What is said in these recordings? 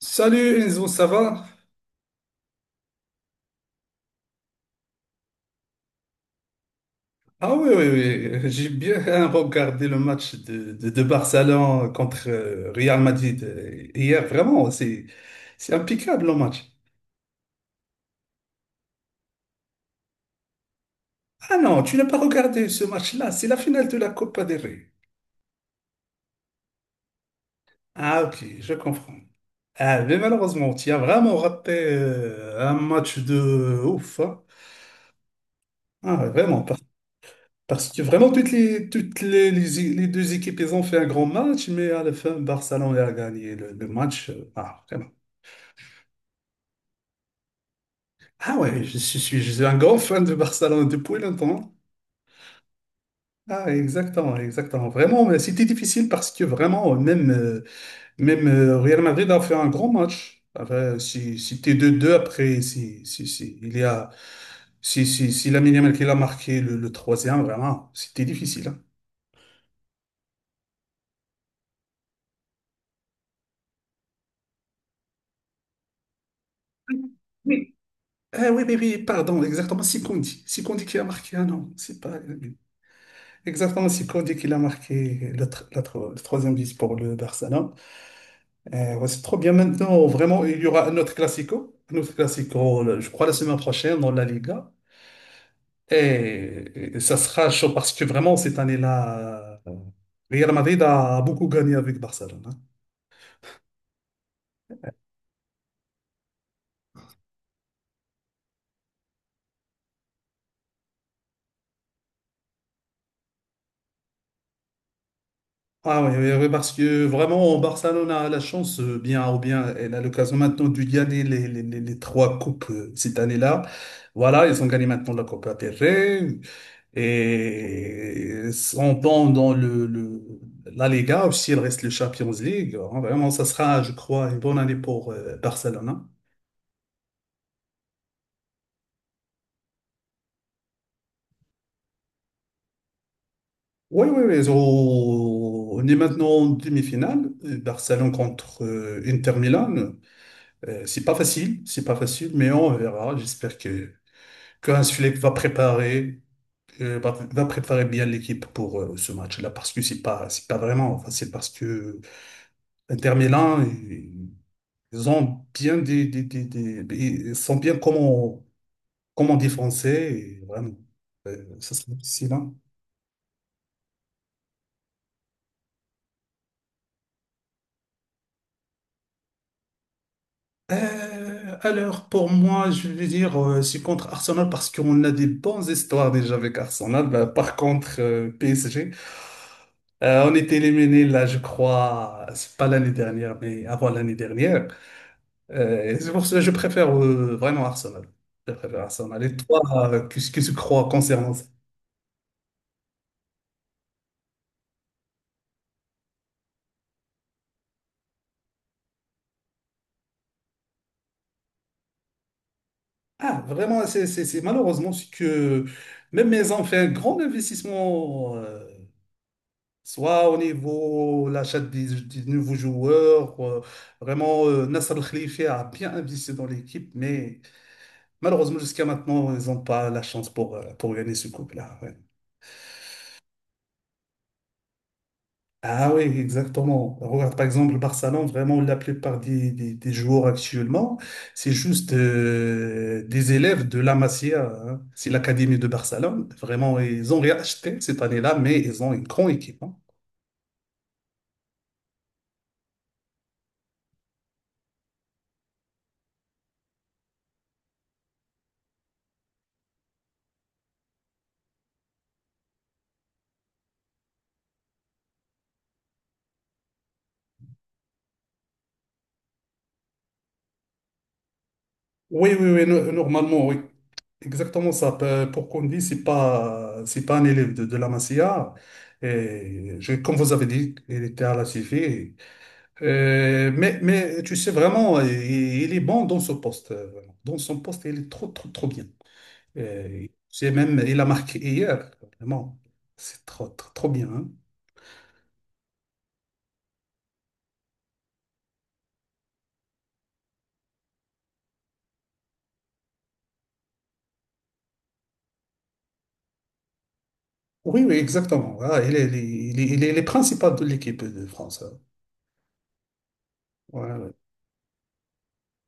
Salut Enzo, ça va? Ah oui, oui, oui. J'ai bien regardé le match de Barcelone contre Real Madrid hier. Vraiment, c'est impeccable le match. Ah non, tu n'as pas regardé ce match-là. C'est la finale de la Copa del Rey. Ah ok, je comprends. Ah, mais malheureusement, tu as vraiment raté un match de ouf, hein. Ah, vraiment, parce que vraiment, les deux équipes, elles ont fait un grand match, mais à la fin, Barcelone a gagné le match. Vraiment. Ah ouais, je suis je suis un grand fan de Barcelone depuis longtemps. Ah, exactement, exactement. Vraiment, mais c'était difficile parce que vraiment, même Real Madrid a fait un grand match. Après, si t'es deux 2 après, si il y a, si Lamine Yamal qui l'a marqué le troisième, vraiment, c'était difficile, hein. Oui, ah, oui, oui, oui, pardon, exactement, c'est Kondi. C'est Kondi qui a marqué, ah non, c'est pas... Exactement, c'est Kondi qui l'a marqué le troisième but pour le Barça. Ouais, c'est trop bien maintenant. Vraiment, il y aura un autre classico. Un autre classico, je crois, la semaine prochaine dans la Liga. Et ça sera chaud parce que vraiment, cette année-là, Real Madrid a beaucoup gagné avec Barcelone, hein. Ah oui, oui, oui, parce que vraiment, Barcelone a la chance, bien ou bien, elle a l'occasion maintenant de gagner les trois coupes cette année-là. Voilà, ils ont gagné maintenant la Copa del Rey et sont dans la Liga, aussi il reste le Champions League, hein. Vraiment, ça sera, je crois, une bonne année pour Barcelone, hein. Oui, oui, oui. On est maintenant en demi-finale. Barcelone contre Inter Milan. C'est pas facile, mais on verra. J'espère que Hans Flick va préparer, va va préparer bien l'équipe pour ce match-là, parce que c'est pas vraiment facile, parce que Inter Milan, ils ont bien ils sont bien comment défoncer, et vraiment, ça sera difficile, hein. Alors, pour moi, je vais dire, je suis contre Arsenal parce qu'on a des bonnes histoires déjà avec Arsenal. Bah, par contre, PSG, on était éliminé là, je crois, c'est pas l'année dernière, mais avant l'année dernière. Et c'est pour ça que je préfère vraiment Arsenal. Je préfère Arsenal. Et toi, qu'est-ce que tu crois concernant ça? Ah, vraiment, malheureusement, c'est que même ils ont fait un grand investissement, soit au niveau l'achat des nouveaux joueurs. Vraiment, Nasser El Khelaifi a bien investi dans l'équipe, mais malheureusement, jusqu'à maintenant, ils n'ont pas la chance pour gagner ce couple-là, ouais. Ah oui, exactement. Regarde, par exemple, le Barcelone, vraiment, la plupart des joueurs actuellement, c'est juste des élèves de la Masia, hein. C'est l'académie de Barcelone. Vraiment, ils ont réacheté cette année-là, mais ils ont une grande équipe, hein. Oui, oui, oui, normalement, oui. Exactement ça. Pour Kondi, c'est pas un élève de la Masia. Et je, comme vous avez dit, il était à la CV. Mais tu sais vraiment, il est bon dans ce poste, vraiment. Dans son poste, il est trop, trop, trop bien. C'est même, il a marqué hier. Vraiment, c'est trop, trop, trop bien, hein. Oui, oui, exactement. Ah, il est, il est, il est, il est- Il est principal de l'équipe de France, hein. Ouais, ouais,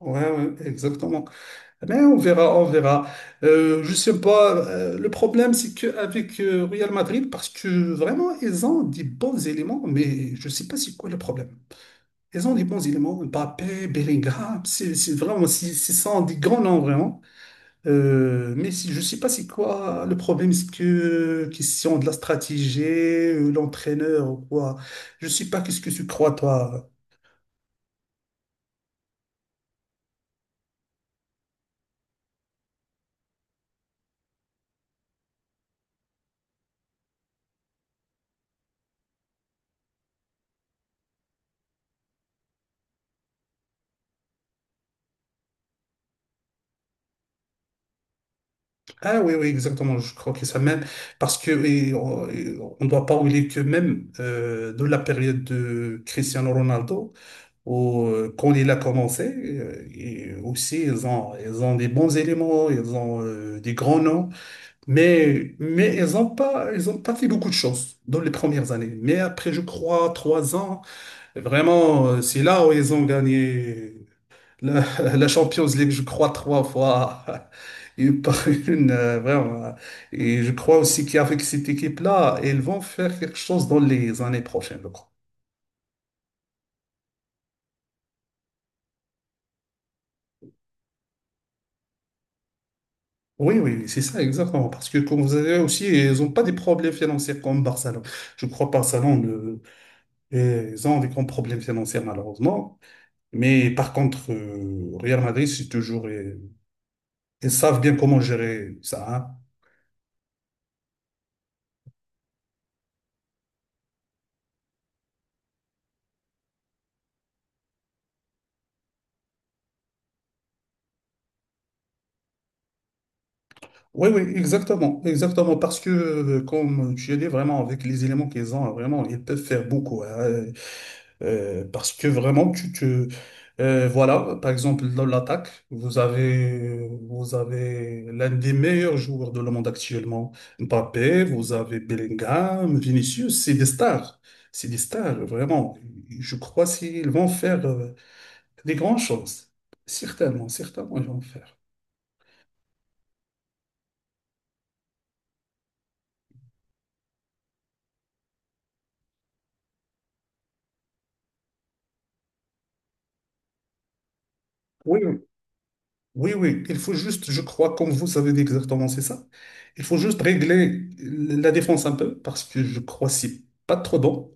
ouais, ouais, exactement. Mais on verra, on verra. Je sais pas. Le problème, c'est qu'avec Real Madrid, parce que vraiment, ils ont des bons éléments, mais je sais pas c'est quoi le problème. Ils ont des bons éléments. Mbappé, Bellingham, c'est vraiment, c'est ce sont des grands noms, vraiment. Mais si, je sais pas c'est quoi le problème, c'est que question de la stratégie, l'entraîneur ou quoi. Je sais pas qu'est-ce que tu crois, toi. Ah oui, oui, exactement. Je crois que ça même, parce que et on ne doit pas oublier que même de la période de Cristiano Ronaldo, quand il a commencé, ils ont des bons éléments, ils ont des grands noms, mais ils ont pas fait beaucoup de choses dans les premières années. Mais après, je crois, trois ans, vraiment, c'est là où ils ont gagné la, la Champions League, je crois, trois fois. Et par une, vraiment. Et je crois aussi qu'avec cette équipe-là, ils vont faire quelque chose dans les années prochaines, je crois. Oui, oui, oui, c'est ça, exactement. Parce que, comme vous avez aussi, ils n'ont pas des problèmes financiers comme Barcelone. Je crois que ils ont des grands problèmes financiers, malheureusement. Mais par contre, Real Madrid, c'est toujours, ils savent bien comment gérer ça, hein. Oui, oui, exactement, exactement, parce que, comme tu as dit, vraiment, avec les éléments qu'ils ont, vraiment, ils peuvent faire beaucoup, hein, parce que vraiment, voilà, par exemple, dans l'attaque, vous avez l'un des meilleurs joueurs de le monde actuellement, Mbappé, vous avez Bellingham, Vinicius, c'est des stars, vraiment, je crois qu'ils vont faire, des grandes choses, certainement, certainement, ils vont faire. Oui, oui, il faut juste, je crois, comme vous avez dit exactement, c'est ça. Il faut juste régler la défense un peu, parce que je crois que c'est pas trop bon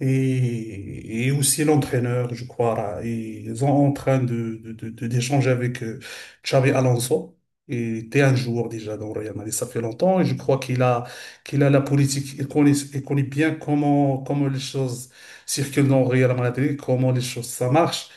et aussi l'entraîneur, je crois là. Et ils sont en train d'échanger avec Xabi Alonso. Et était un joueur déjà dans le Real Madrid, ça fait longtemps, et je crois qu'il a, qu'il a la politique, il connaît bien comment, comment les choses circulent dans le Real Madrid, comment les choses, ça marche.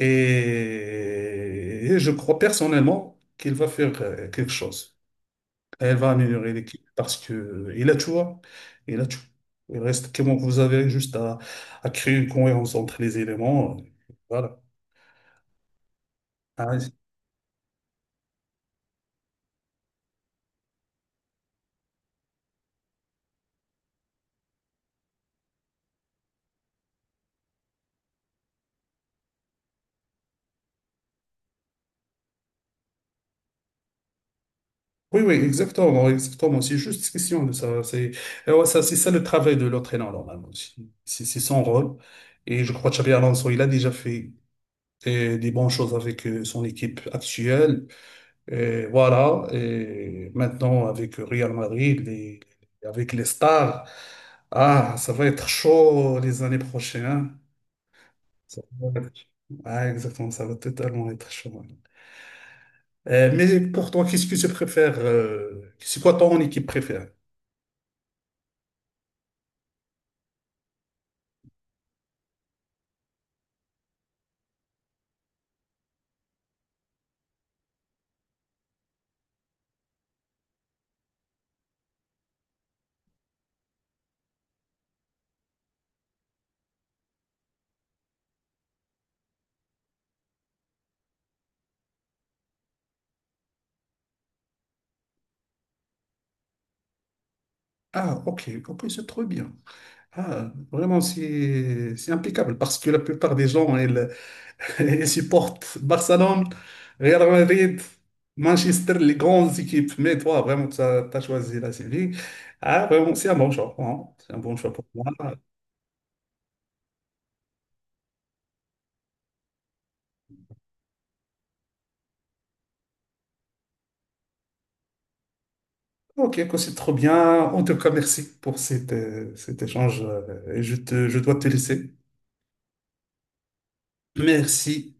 Et, et je crois personnellement qu'il va faire quelque chose. Elle va améliorer l'équipe parce que, et là, tu vois, et là, tu, il reste que bon, vous avez juste à créer une cohérence entre les éléments. Voilà. Ah, oui, oui, oui, exactement, exactement. C'est juste question de ça. Et ouais, ça, c'est ça le travail de l'entraîneur, normalement. C'est son rôle. Et je crois que Xabi Alonso, il a déjà fait des bonnes choses avec son équipe actuelle. Et voilà, et maintenant avec Real Madrid, avec les stars, ah, ça va être chaud les années prochaines. Ça va être- Ah, exactement, ça va totalement être chaud. Mais pour toi, qu'est-ce que tu préfères? C'est quoi ton équipe préférée? Ah, ok, ok, c'est trop bien. Ah, vraiment, c'est impeccable parce que la plupart des gens, ils, et supporte Barcelone, Real Madrid, Manchester, les grandes équipes. Mais toi, vraiment, tu as, choisi la Séville. Ah, vraiment, c'est un bon choix, hein. C'est un bon choix pour moi. Ok, quoi, c'est trop bien. En tout cas, merci pour cet échange. Et je te, je dois te laisser. Merci.